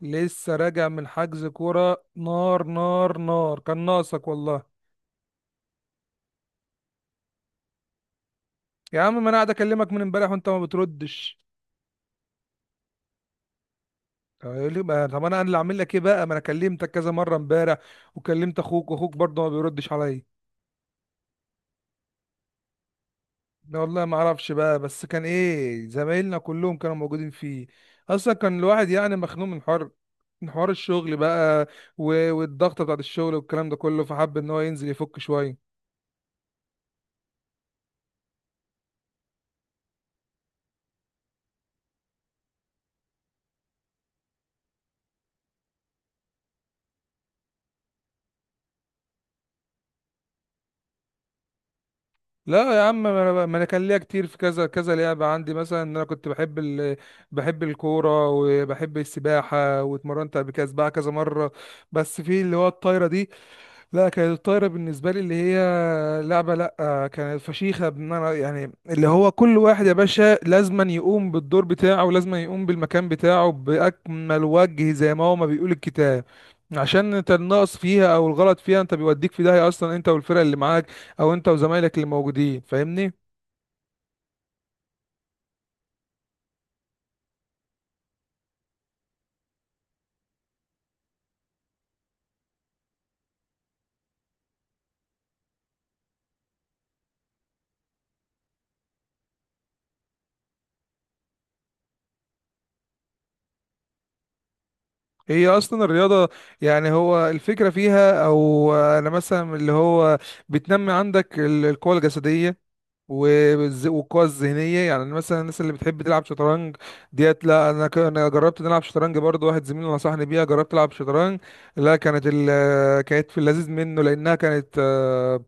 لسه راجع من حجز كورة نار نار نار كان ناقصك والله. يا عم، ما انا قاعد اكلمك من امبارح وانت ما بتردش. طب يقول لي بقى- طب انا اللي اعمل لك ايه بقى؟ ما انا كلمتك كذا مرة امبارح وكلمت اخوك واخوك برضه ما بيردش عليا. لا والله ما اعرفش بقى، بس كان ايه، زمايلنا كلهم كانوا موجودين فيه. اصلا كان الواحد يعني مخنوق من حر، من حوار الشغل بقى، والضغط بتاعت الشغل والكلام ده كله، فحب ان هو ينزل يفك شوية. لا يا عم، ما أنا كان ليا كتير في كذا كذا لعبه. عندي مثلا ان انا كنت بحب الكوره وبحب السباحه، واتمرنت قبل كده سباحه كذا مره، بس في اللي هو الطايره دي. لا، كانت الطايرة بالنسبة لي اللي هي لعبة، لا كانت فشيخة. بمعنى، يعني اللي هو كل واحد يا باشا لازما يقوم بالدور بتاعه ولازما يقوم بالمكان بتاعه بأكمل وجه زي ما هو ما بيقول الكتاب. عشان انت النقص فيها او الغلط فيها انت بيوديك في داهية اصلا، انت والفرق اللي معاك او انت وزمايلك اللي موجودين، فاهمني. هي اصلا الرياضة، يعني هو الفكرة فيها، او انا مثلا اللي هو بتنمي عندك القوة الجسدية والقوة الذهنية. يعني أنا مثلا الناس اللي بتحب تلعب شطرنج ديت. لا، أنا جربت إن ألعب شطرنج، برضه واحد زميلي نصحني بيها، جربت ألعب شطرنج. لا، كانت في اللذيذ منه، لأنها كانت آه،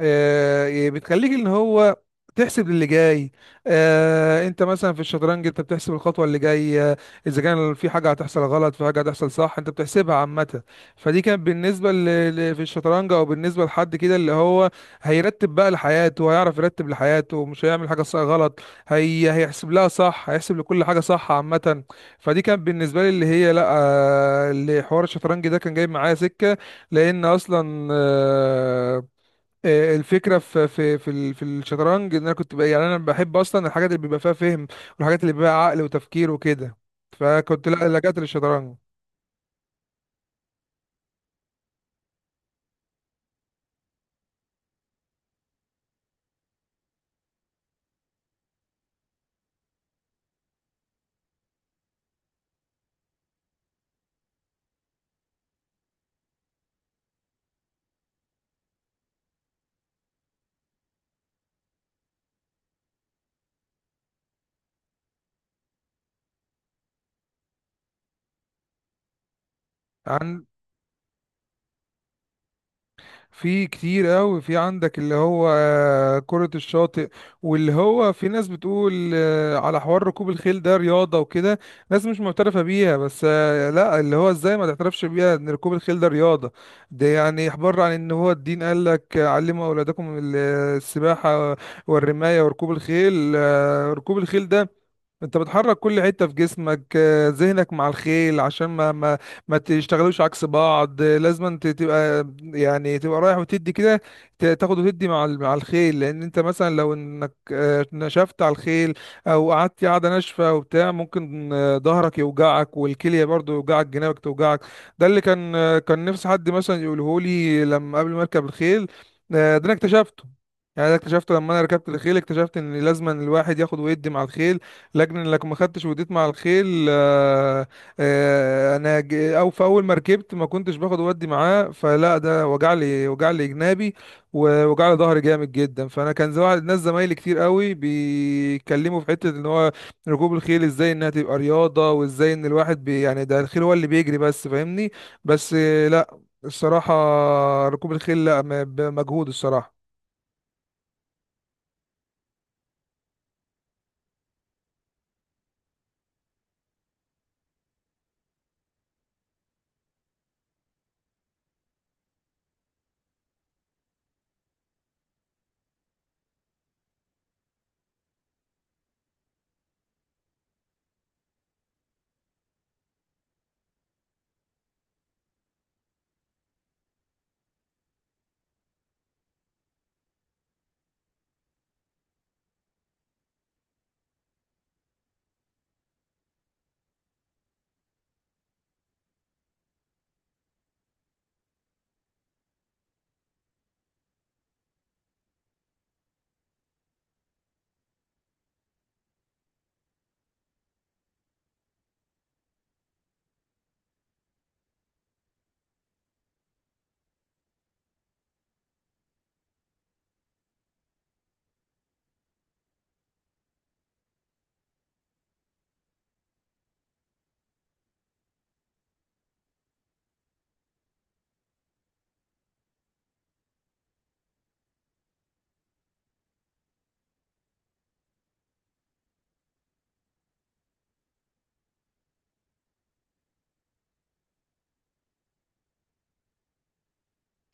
آه، يعني بتخليك ان هو تحسب للي جاي. انت مثلا في الشطرنج انت بتحسب الخطوه اللي جايه، اذا كان في حاجه هتحصل غلط، في حاجه هتحصل صح، انت بتحسبها عامه. فدي كانت في الشطرنج، او بالنسبه لحد كده اللي هو هيرتب بقى لحياته، هيعرف يرتب لحياته، مش هيعمل حاجه صح غلط، هيحسب لها صح، هيحسب لكل حاجه صح عامه. فدي كانت بالنسبه لي اللي هي، لا، اللي حوار الشطرنج ده كان جايب معايا سكه. لان اصلا الفكره في الشطرنج ان انا كنت بقى، يعني انا بحب اصلا الحاجات اللي بيبقى فيها فهم، والحاجات اللي بيبقى فيها عقل وتفكير وكده، فكنت لا لجأت للشطرنج. عن، في كتير قوي، في عندك اللي هو كرة الشاطئ، واللي هو في ناس بتقول على حوار ركوب الخيل ده رياضة وكده، ناس مش معترفة بيها. بس لا، اللي هو ازاي ما تعترفش بيها ان ركوب الخيل ده رياضة؟ ده يعني احبار عن ان هو الدين قال لك علموا اولادكم السباحة والرماية وركوب الخيل. ركوب الخيل ده انت بتحرك كل حتة في جسمك. ذهنك مع الخيل عشان ما تشتغلوش عكس بعض. لازم انت تبقى يعني تبقى رايح وتدي كده، تاخد وتدي مع الخيل. لان انت مثلا لو انك نشفت على الخيل او قعدت قاعدة ناشفة وبتاع، ممكن ظهرك يوجعك، والكلية برضو يوجعك، جنابك توجعك. ده اللي كان كان نفسي حد مثلا يقوله لي لما قبل ما اركب الخيل. ده انا اكتشفته، يعني ده اكتشفته لما انا ركبت الخيل، اكتشفت ان لازم الواحد ياخد ويدي مع الخيل. لكن لك ما خدتش وديت مع الخيل. او في اول ما ركبت ما كنتش باخد ودي معاه، فلا ده وجع لي، وجع لي جنابي، ووجع لي ظهري جامد جدا. فانا كان ناس زمايلي كتير قوي بيتكلموا في حته ان هو ركوب الخيل ازاي انها تبقى رياضه، وازاي ان الواحد، بي يعني، ده الخيل هو اللي بيجري بس، فاهمني. بس لا الصراحه، ركوب الخيل لا، بمجهود الصراحه.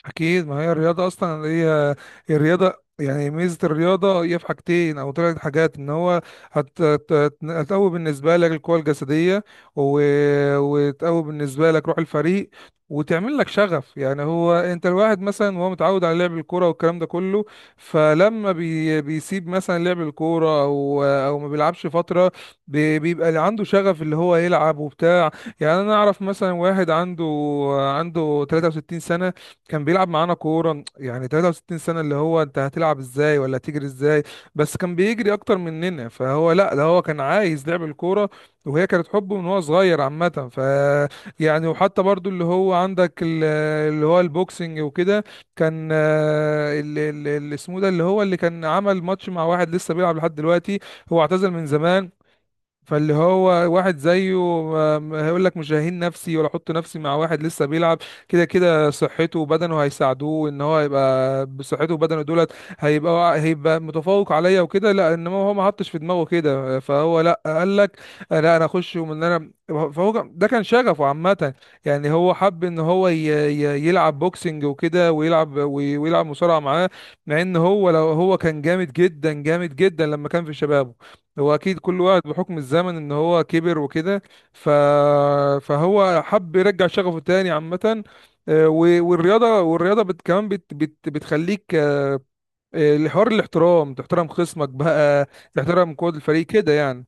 اكيد، ما هي الرياضه اصلا، هي الرياضه، يعني ميزه الرياضه هي في حاجتين او ثلاث حاجات، ان هو هتقوي بالنسبه لك القوه الجسديه، و... وتقوي بالنسبه لك روح الفريق، وتعمل لك شغف. يعني هو انت الواحد مثلا وهو متعود على لعب الكوره والكلام ده كله، فلما بيسيب مثلا لعب الكوره، او ما بيلعبش فتره، بيبقى اللي عنده شغف اللي هو يلعب وبتاع. يعني انا اعرف مثلا واحد عنده 63 سنه، كان بيلعب معانا كورة. يعني 63 سنة، اللي هو انت هتلعب ازاي ولا تجري ازاي؟ بس كان بيجري اكتر مننا، فهو لا، ده هو كان عايز لعب الكورة، وهي كانت حبه من هو صغير عامة. ف، يعني وحتى برضو اللي هو عندك اللي هو البوكسنج وكده. كان اللي اسمه ده، اللي هو اللي كان عمل ماتش مع واحد لسه بيلعب لحد دلوقتي، هو اعتزل من زمان. فاللي هو واحد زيه ما هيقول لك مش ههين نفسي ولا احط نفسي مع واحد لسه بيلعب، كده كده صحته وبدنه هيساعدوه ان هو يبقى بصحته وبدنه دولت، هيبقى متفوق عليا وكده. لا انما هو ما حطش في دماغه كده، فهو لا قال لك لا انا اخش، ومن انا، ده كان شغفه عامة. يعني هو حب ان هو يلعب بوكسنج وكده، ويلعب ويلعب مصارعة معاه، مع ان هو لو هو كان جامد جدا جامد جدا لما كان في شبابه. هو اكيد كل واحد بحكم الزمن ان هو كبر وكده. ف... فهو حب يرجع شغفه تاني عامة. والرياضة كمان بتخليك الحوار الاحترام، تحترم خصمك بقى، تحترم قوة الفريق كده يعني.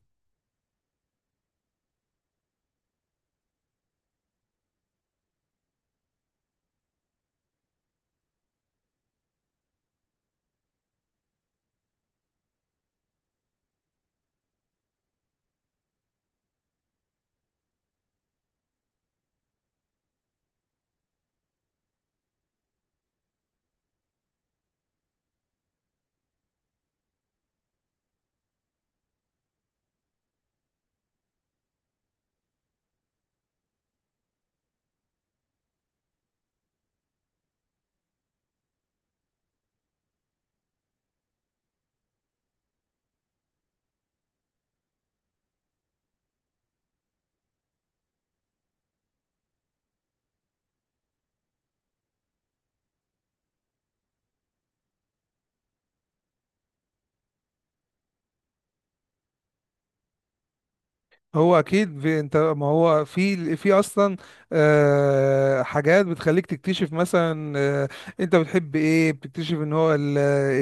هو اكيد في، انت ما هو في اصلا حاجات بتخليك تكتشف مثلا انت بتحب ايه، بتكتشف ان هو ال-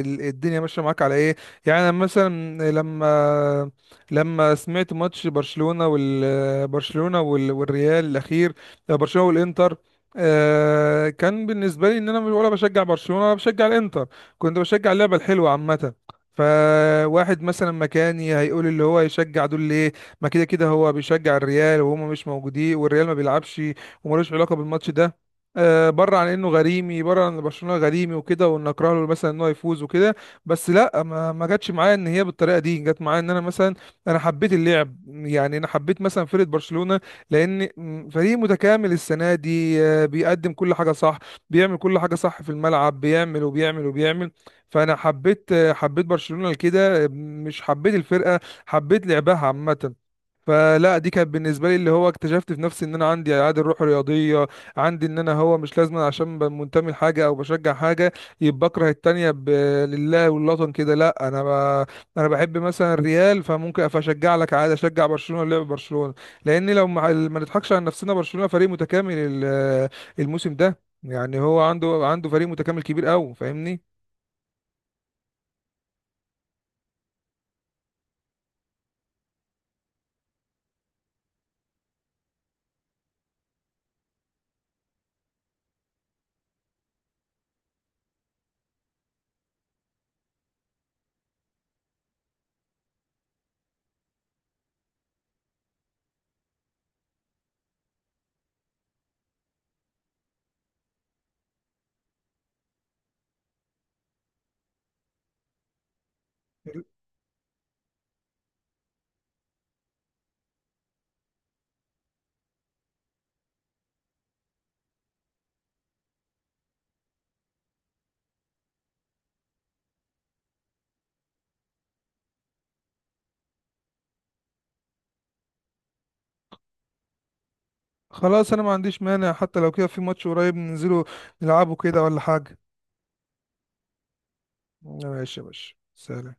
ال- الدنيا ماشيه معاك على ايه. يعني أنا مثلا لما سمعت ماتش برشلونه والريال الاخير، برشلونه والانتر، كان بالنسبه لي ان انا مش- ولا بشجع برشلونه ولا بشجع الانتر، كنت بشجع اللعبه الحلوه عامه. فواحد مثلا مكاني هيقول اللي هو يشجع دول ليه؟ ما كده كده هو بيشجع الريال، وهم مش موجودين، والريال ما بيلعبش وملوش علاقه بالماتش ده. بره عن انه غريمي، بره عن إن برشلونه غريمي وكده، وان اكره له مثلا ان هو يفوز وكده، بس لا، ما جاتش معايا ان هي بالطريقه دي. جت معايا ان انا مثلا انا حبيت اللعب، يعني انا حبيت مثلا فرقه برشلونه، لان فريق متكامل السنه دي، بيقدم كل حاجه صح، بيعمل كل حاجه صح في الملعب، بيعمل وبيعمل وبيعمل. فانا حبيت برشلونه لكده، مش حبيت الفرقه، حبيت لعبها عامه. فلا دي كانت بالنسبه لي اللي هو اكتشفت في نفسي ان انا عندي عادي الروح الرياضيه، عندي ان انا هو مش لازم عشان منتمي لحاجه او بشجع حاجه يبقى بكره التانيه. لله والوطن كده، لا انا بحب مثلا الريال، فممكن اشجع لك عادي، اشجع برشلونه، لعب برشلونه، لان لو، ما نضحكش على نفسنا، برشلونه فريق متكامل الموسم ده. يعني هو عنده، عنده فريق متكامل كبير قوي، فاهمني. خلاص، انا ما عنديش مانع، حتى لو كده في ماتش قريب، ننزله نلعبه كده ولا حاجه. ماشي يا باشا، سلام.